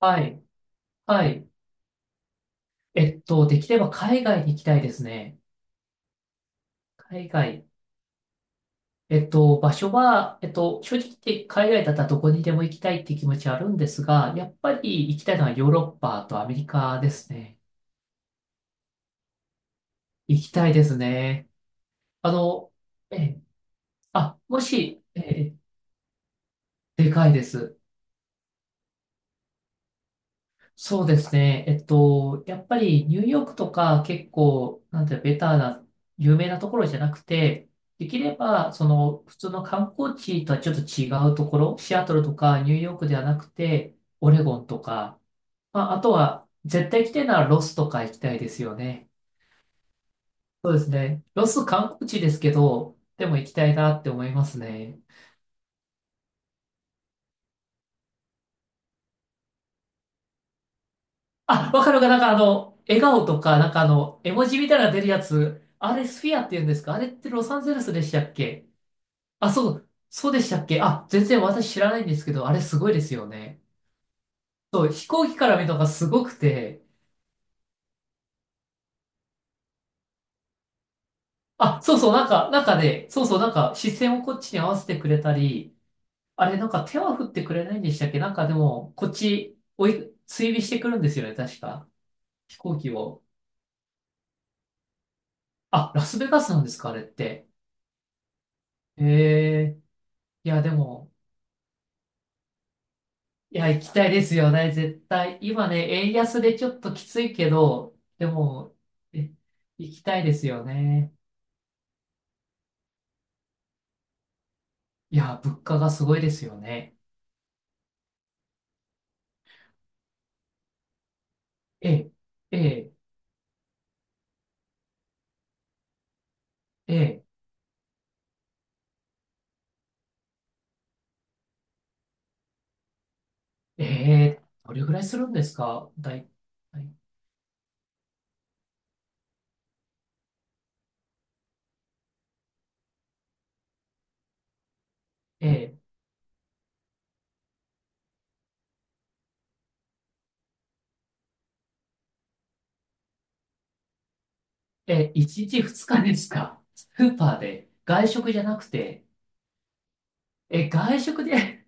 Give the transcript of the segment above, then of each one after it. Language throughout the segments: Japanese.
はい。はい。できれば海外に行きたいですね。海外。場所は、正直言って海外だったらどこにでも行きたいって気持ちはあるんですが、やっぱり行きたいのはヨーロッパとアメリカですね。行きたいですね。あの、ええ、あ、もし、ええ、でかいです。そうですね。やっぱりニューヨークとか結構、なんていうのベターな、有名なところじゃなくて、できれば、その、普通の観光地とはちょっと違うところ、シアトルとかニューヨークではなくて、オレゴンとか、まあ、あとは、絶対行きたいならロスとか行きたいですよね。そうですね。ロス観光地ですけど、でも行きたいなって思いますね。あ、わかるか、笑顔とか、絵文字みたいなの出るやつ、あれスフィアって言うんですか？あれってロサンゼルスでしたっけ？あ、そう、そうでしたっけ？あ、全然私知らないんですけど、あれすごいですよね。そう、飛行機から見るのがすごくて、あ、そうそう、なんか、なんかね、そうそう、なんか視線をこっちに合わせてくれたり、あれなんか手は振ってくれないんでしたっけ？なんかでも、こっち追尾してくるんですよね、確か。飛行機を。あ、ラスベガスなんですか、あれって。へえ、いや、でも、いや、行きたいですよね、絶対。今ね、円安でちょっときついけど、でも、え、行きたいですよね。いや、物価がすごいですよね。え、え、え、え、えーどれぐらいするんですか？だい、だいえー、えー、1日2日ですか？スーパーで。外食じゃなくて、え、外食で。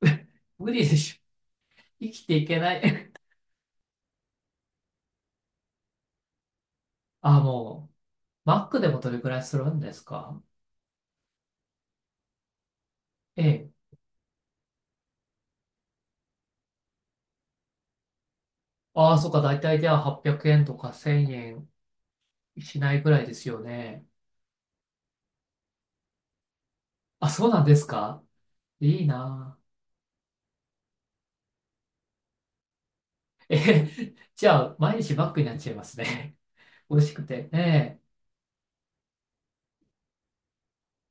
無理でしょ。生きていけない。あ、もう、マックでもどれぐらいするんですか？えああ、そっか、大体では800円とか1000円しないぐらいですよね。あ、そうなんですか？いいなぁ。え、じゃあ、毎日バックになっちゃいますね。美味しくて。ね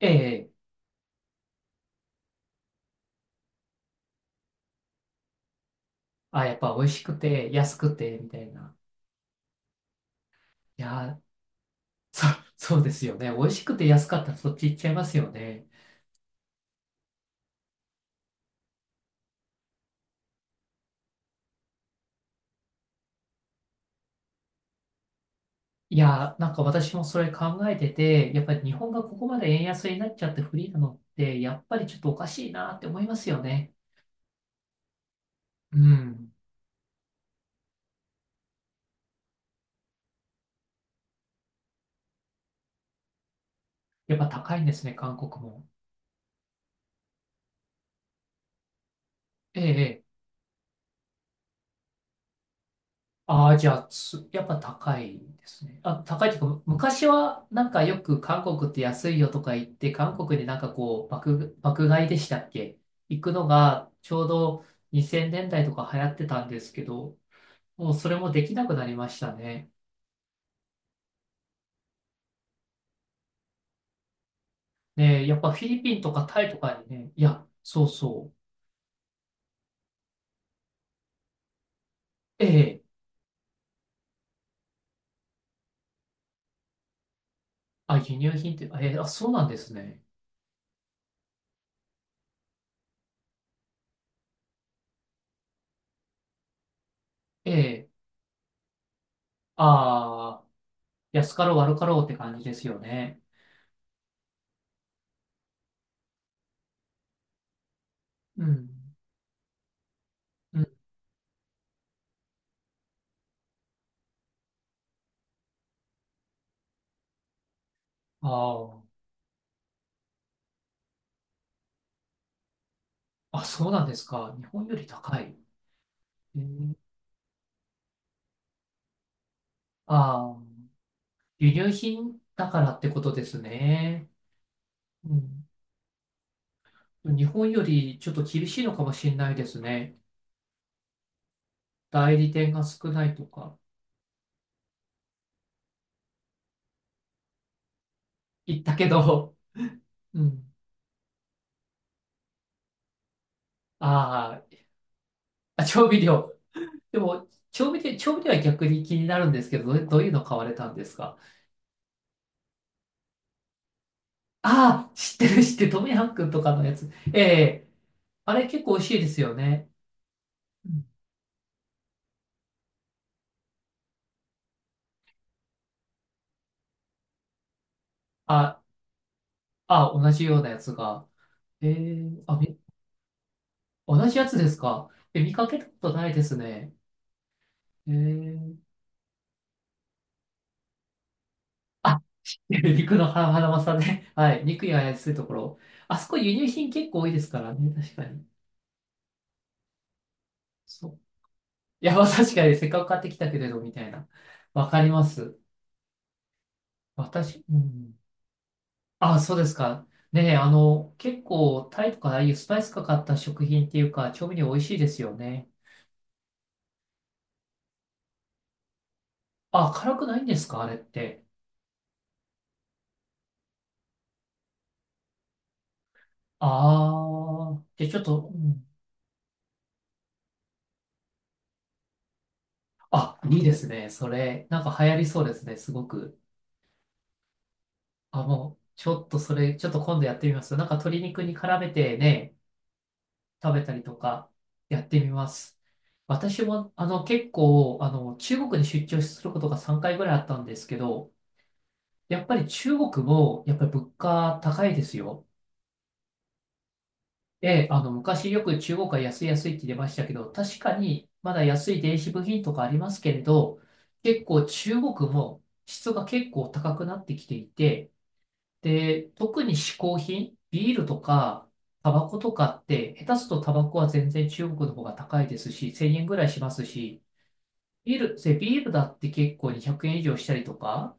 ええ、えあ、やっぱ美味しくて、安くて、みたいな。いやー、そ、そうですよね。美味しくて安かったらそっち行っちゃいますよね。いやー、なんか私もそれ考えてて、やっぱり日本がここまで円安になっちゃってフリーなのって、やっぱりちょっとおかしいなって思いますよね。うん。やっぱ高いんですね、韓国も。ええ、ええ。ああ、じゃあ、つやっぱ高いですね。あ、高いっていうか、昔はなんかよく韓国って安いよとか言って、韓国でなんかこう、爆買いでしたっけ？行くのがちょうど2000年代とか流行ってたんですけど、もうそれもできなくなりましたね。ねえ、やっぱフィリピンとかタイとかにね、いや、そうそう。ええ、あ、輸入品って、ええ、あ、そうなんですね。ええ、ああ、安かろう悪かろうって感じですよね。うん。うん。ああ。あ、そうなんですか。日本より高い。えー、ああ、輸入品だからってことですね。うん。日本よりちょっと厳しいのかもしれないですね。代理店が少ないとか言ったけど、うん。ああ、あ調味料。でも、調味料、調味料は逆に気になるんですけど、どうどういうの買われたんですか？ああ、知ってる知ってる、トムヤムクンとかのやつ。ええ、あれ結構美味しいですよね。うんあ、あ、同じようなやつが。ええあ、同じやつですか？え、見かけたことないですね。えー、あ、肉のハハマサね。はい。肉や安いところ。あそこ輸入品結構多いですからね。確かに。そう。いや、まあ確かにせっかく買ってきたけれど、みたいな。わかります。私、うん。あ、そうですか。ねえ、結構、タイとかああいうスパイスかかった食品っていうか、調味料美味しいですよね。あ、辛くないんですか、あれって。ああ。じゃあちょっと、うんあ、いいですね。それ、なんか流行りそうですね。すごく。あ、もう、ちょっとそれ、ちょっと今度やってみます。なんか鶏肉に絡めてね、食べたりとか、やってみます。私も、結構、中国に出張することが3回ぐらいあったんですけど、やっぱり中国も、やっぱり物価高いですよ。ええ、昔よく中国は安い安いって出ましたけど、確かに、まだ安い電子部品とかありますけれど、結構中国も質が結構高くなってきていて、で、特に嗜好品、ビールとか、タバコとかって、下手するとタバコは全然中国の方が高いですし、1000円ぐらいしますし、ビールだって結構200円以上したりとか、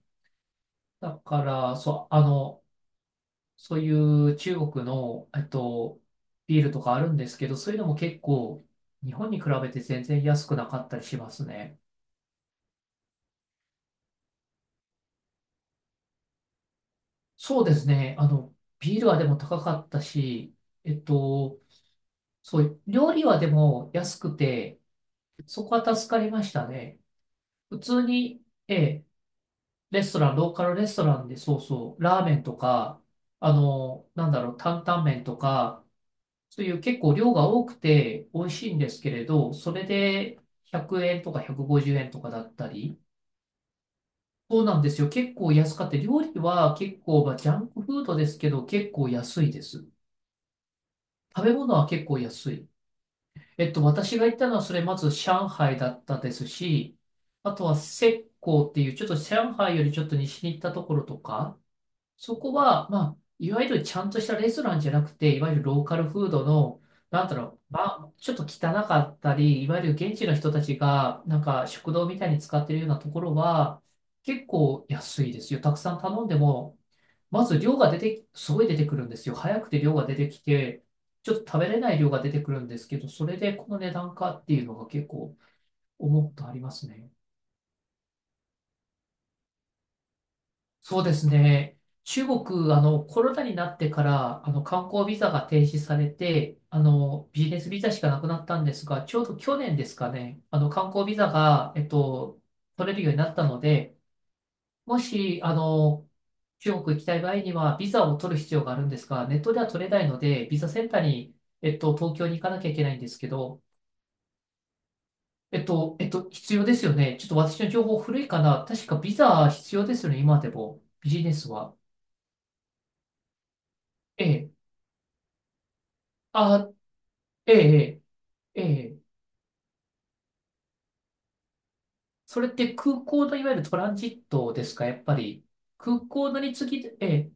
だから、そう、そういう中国の、ビールとかあるんですけど、そういうのも結構、日本に比べて全然安くなかったりしますね。そうですね。ビールはでも高かったし、えっと、そう、料理はでも安くて、そこは助かりましたね。普通に、ええ、レストラン、ローカルレストランで、そうそう、ラーメンとか、なんだろう、担々麺とか、そういう結構量が多くて美味しいんですけれど、それで100円とか150円とかだったり、そうなんですよ。結構安かって、料理は結構、まあ、ジャンクフードですけど、結構安いです。食べ物は結構安い。私が行ったのは、それまず上海だったですし、あとは浙江っていう、ちょっと上海よりちょっと西に行ったところとか、そこは、まあ、いわゆるちゃんとしたレストランじゃなくて、いわゆるローカルフードの、なんだろう、まあ、ちょっと汚かったり、いわゆる現地の人たちが、なんか食堂みたいに使ってるようなところは、結構安いですよ。たくさん頼んでも、まず量が出て、すごい出てくるんですよ。早くて量が出てきて、ちょっと食べれない量が出てくるんですけど、それでこの値段かっていうのが結構思うとありますね。そうですね。中国、コロナになってから、観光ビザが停止されて、ビジネスビザしかなくなったんですが、ちょうど去年ですかね、観光ビザが、取れるようになったので、もし、中国行きたい場合には、ビザを取る必要があるんですが、ネットでは取れないので、ビザセンターに、東京に行かなきゃいけないんですけど、必要ですよね。ちょっと私の情報古いかな。確かビザ必要ですよね、今でも。ビジネスは。ええ。あ、ええ、ええ。ええそれって空港のいわゆるトランジットですか、やっぱり。空港のに次ぎ、ええ。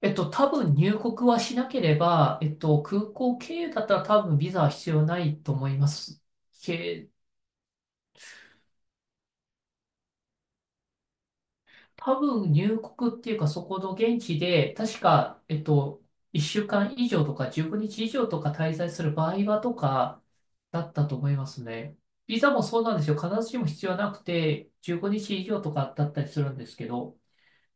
多分入国はしなければ、空港経由だったら多分ビザは必要ないと思います。け、多分入国っていうかそこの現地で、確か、1週間以上とか15日以上とか滞在する場合はとかだったと思いますね。ビザもそうなんですよ。必ずしも必要はなくて、15日以上とかだったりするんですけど、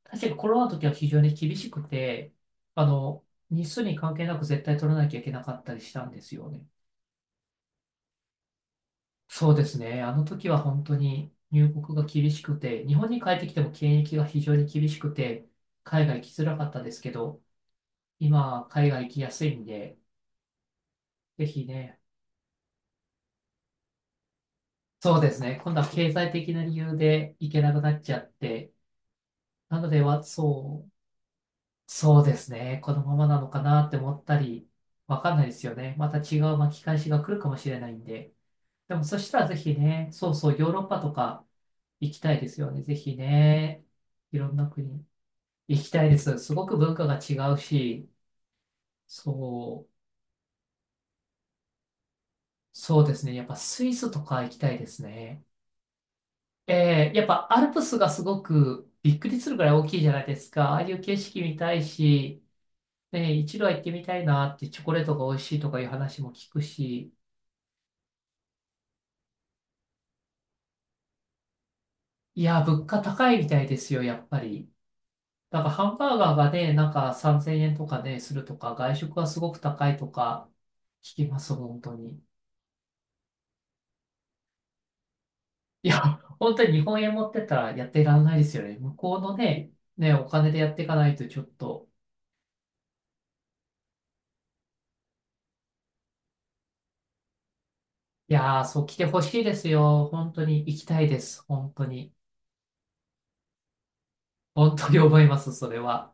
確かコロナの時は非常に厳しくて、あの、日数に関係なく絶対取らなきゃいけなかったりしたんですよね。そうですね。あの時は本当に入国が厳しくて、日本に帰ってきても検疫が非常に厳しくて、海外行きづらかったですけど、今は海外行きやすいんで、ぜひね、そうですね。今度は経済的な理由で行けなくなっちゃって、なのでは、そう、そうですね。このままなのかなって思ったり、わかんないですよね。また違う巻き返しが来るかもしれないんで。でもそしたらぜひね、そうそう、ヨーロッパとか行きたいですよね。ぜひね、いろんな国。行きたいです。すごく文化が違うし、そう、そうですね。やっぱスイスとか行きたいですね。えー、やっぱアルプスがすごくびっくりするぐらい大きいじゃないですか。ああいう景色見たいし、ね、一度は行ってみたいなってチョコレートが美味しいとかいう話も聞くし、いや、物価高いみたいですよ、やっぱり。なんかハンバーガーがね、なんか3000円とかね、するとか、外食はすごく高いとか聞きます、本当に。いや、本当に日本円持ってったらやっていらんないですよね。向こうのね、ね、お金でやっていかないとちょっと。いやー、そう来てほしいですよ。本当に行きたいです。本当に。本当に思います、それは。